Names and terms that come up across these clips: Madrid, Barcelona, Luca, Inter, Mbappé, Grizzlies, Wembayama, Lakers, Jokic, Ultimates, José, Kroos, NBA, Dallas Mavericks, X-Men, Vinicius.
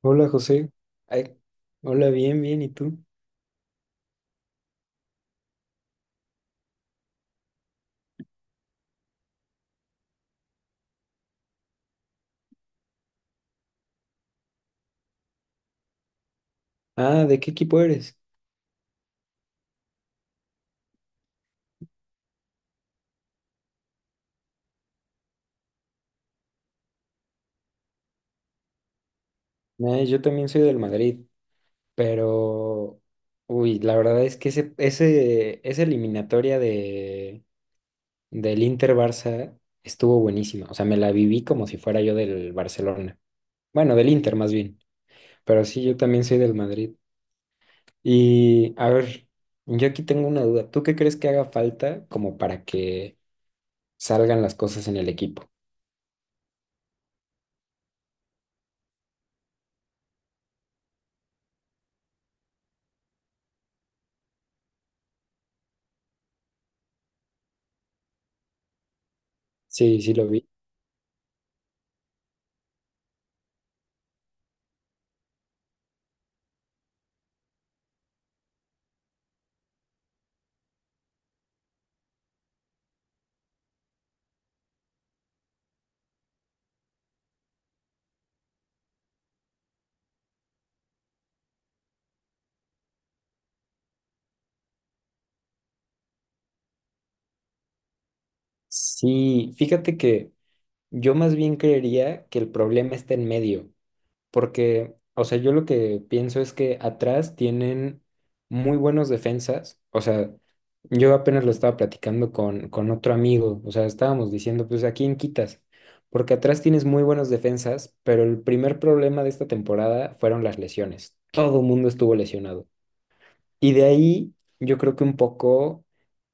Hola José. Ay, Hola, bien. ¿Y tú? Ah, ¿de qué equipo eres? Yo también soy del Madrid, pero... Uy, la verdad es que esa eliminatoria del Inter-Barça estuvo buenísima. O sea, me la viví como si fuera yo del Barcelona. Bueno, del Inter más bien. Pero sí, yo también soy del Madrid. Y a ver, yo aquí tengo una duda. ¿Tú qué crees que haga falta como para que salgan las cosas en el equipo? Sí, sí lo vi. Sí, fíjate que yo más bien creería que el problema está en medio, porque, o sea, yo lo que pienso es que atrás tienen muy buenos defensas, o sea, yo apenas lo estaba platicando con otro amigo, o sea, estábamos diciendo, pues, ¿a quién quitas? Porque atrás tienes muy buenos defensas, pero el primer problema de esta temporada fueron las lesiones. Todo el mundo estuvo lesionado. Y de ahí, yo creo que un poco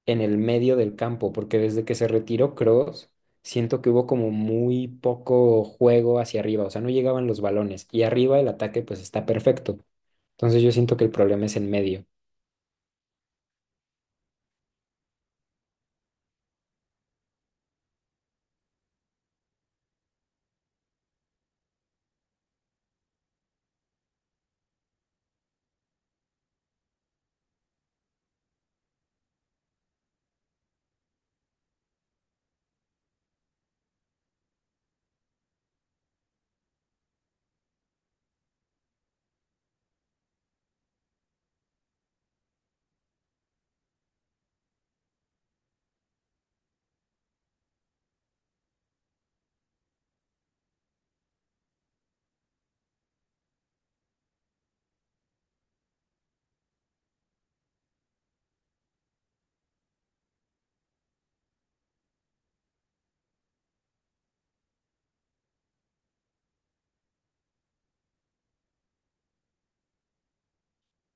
en el medio del campo, porque desde que se retiró Kroos, siento que hubo como muy poco juego hacia arriba, o sea, no llegaban los balones y arriba el ataque pues está perfecto. Entonces yo siento que el problema es en medio.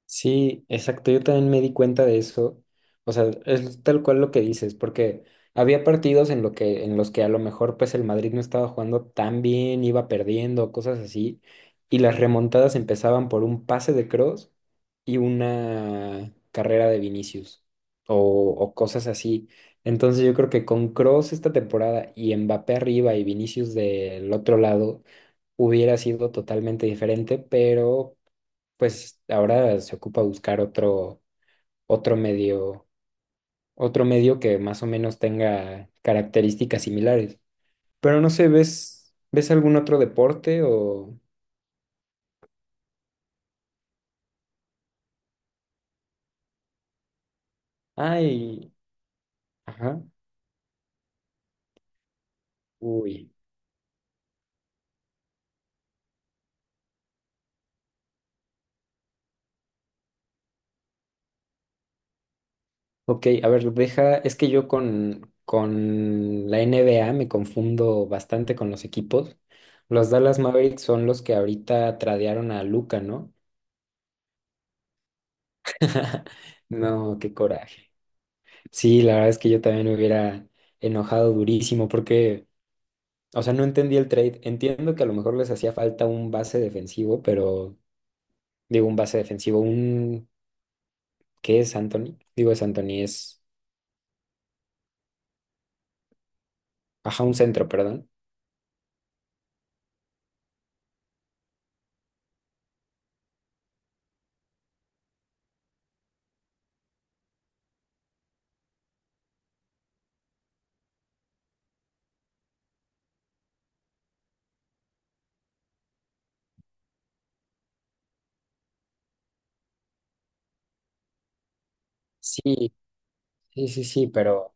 Sí, exacto. Yo también me di cuenta de eso. O sea, es tal cual lo que dices, porque había partidos en en los que a lo mejor pues el Madrid no estaba jugando tan bien, iba perdiendo, cosas así, y las remontadas empezaban por un pase de Cross y una carrera de Vinicius o, o cosas así. Entonces yo creo que con Cross esta temporada y Mbappé arriba y Vinicius del otro lado hubiera sido totalmente diferente, pero pues ahora se ocupa buscar otro medio, otro medio que más o menos tenga características similares. Pero no sé, ¿ves algún otro deporte o... Ay, ajá, uy. Ok, a ver, deja, es que yo con la N B A me confundo bastante con los equipos. Los Dallas Mavericks son los que ahorita tradearon a Luca, ¿no? No, qué coraje. Sí, la verdad es que yo también me hubiera enojado durísimo porque, o sea, no entendí el trade. Entiendo que a lo mejor les hacía falta un base defensivo, pero digo un base defensivo, un... ¿Qué es Anthony? Digo es Anthony, es... Ajá, un centro, perdón. Sí, sí, sí, sí, pero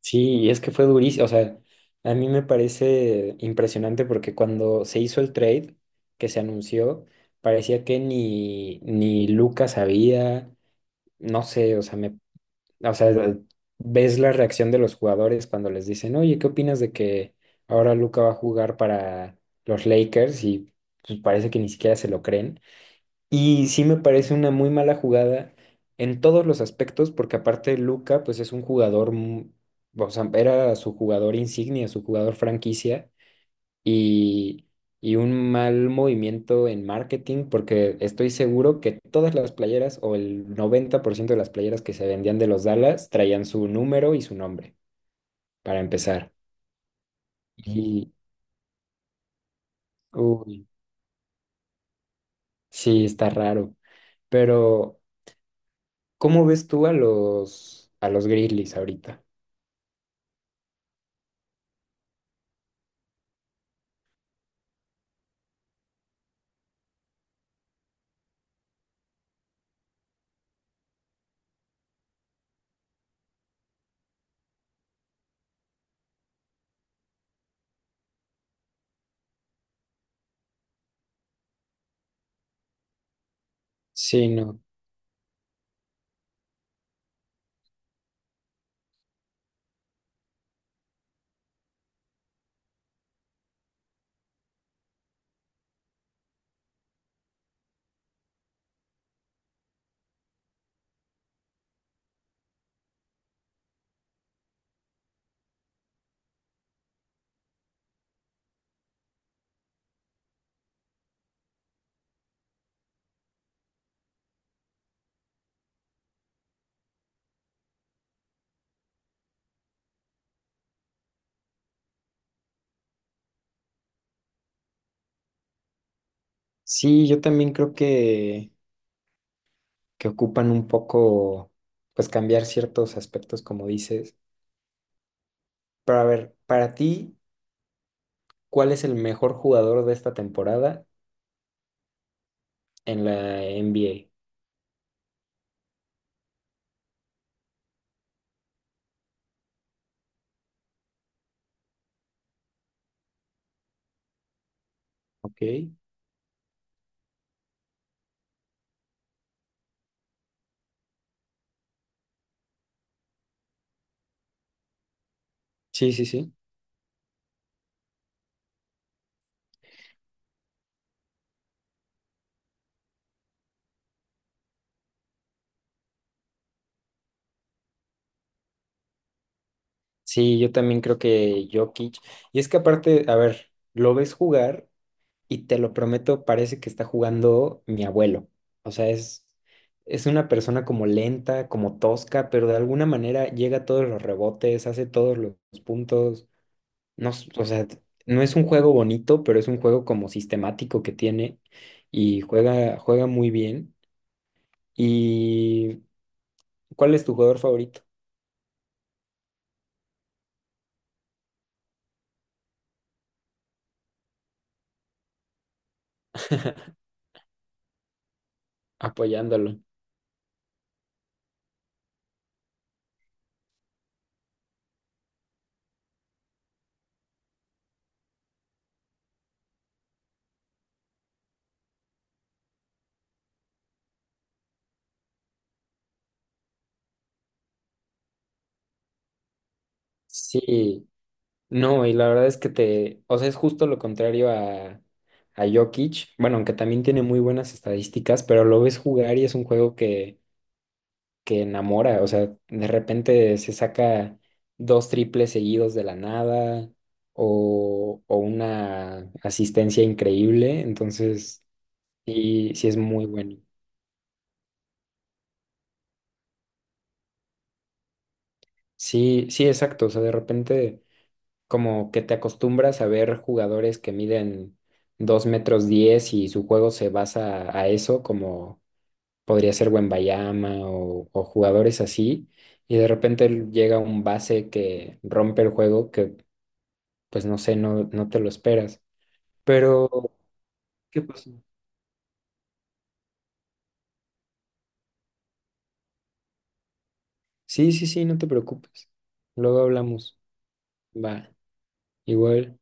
sí, y es que fue durísimo. O sea, a mí me parece impresionante porque cuando se hizo el trade que se anunció, parecía que ni Lucas sabía, no sé, O sea, ves la reacción de los jugadores cuando les dicen, oye, ¿qué opinas de que ahora Luca va a jugar para los Lakers? Y pues parece que ni siquiera se lo creen. Y sí me parece una muy mala jugada en todos los aspectos, porque aparte Luca, pues es un jugador, o sea, era su jugador insignia, su jugador franquicia, y, y un mal movimiento en marketing, porque estoy seguro que todas las playeras o el 90% de las playeras que se vendían de los Dallas traían su número y su nombre, para empezar. Y, uy, sí, está raro. Pero, ¿cómo ves tú a a los Grizzlies ahorita? Sí, no. Sí, yo también creo que ocupan un poco, pues cambiar ciertos aspectos, como dices. Pero a ver, para ti... ¿Cuál es el mejor jugador de esta temporada en la NBA? Ok. Sí, sí, sí. Sí, yo también creo que Jokic. Y es que aparte, a ver, lo ves jugar y te lo prometo, parece que está jugando mi abuelo. O sea, es una persona como lenta, como tosca, pero de alguna manera llega a todos los rebotes, hace todos los puntos. No, o sea, no es un juego bonito, pero es un juego como sistemático que tiene y juega muy bien. ¿Y cuál es tu jugador favorito? Apoyándolo. Sí, no, y la verdad es que te, o sea, es justo lo contrario a Jokic, bueno, aunque también tiene muy buenas estadísticas, pero lo ves jugar y es un juego que enamora, o sea, de repente se saca dos triples seguidos de la nada o una asistencia increíble, entonces sí, sí es muy bueno. Sí, sí, exacto, o sea, de repente... como que te acostumbras a ver jugadores que miden 2 metros 10 y su juego se basa a eso, como podría ser Wembayama o jugadores así, y de repente llega un base que rompe el juego que, pues no sé, no te lo esperas. Pero, ¿qué pasó? Sí, sí, sí, no te preocupes. Luego hablamos. Va, igual.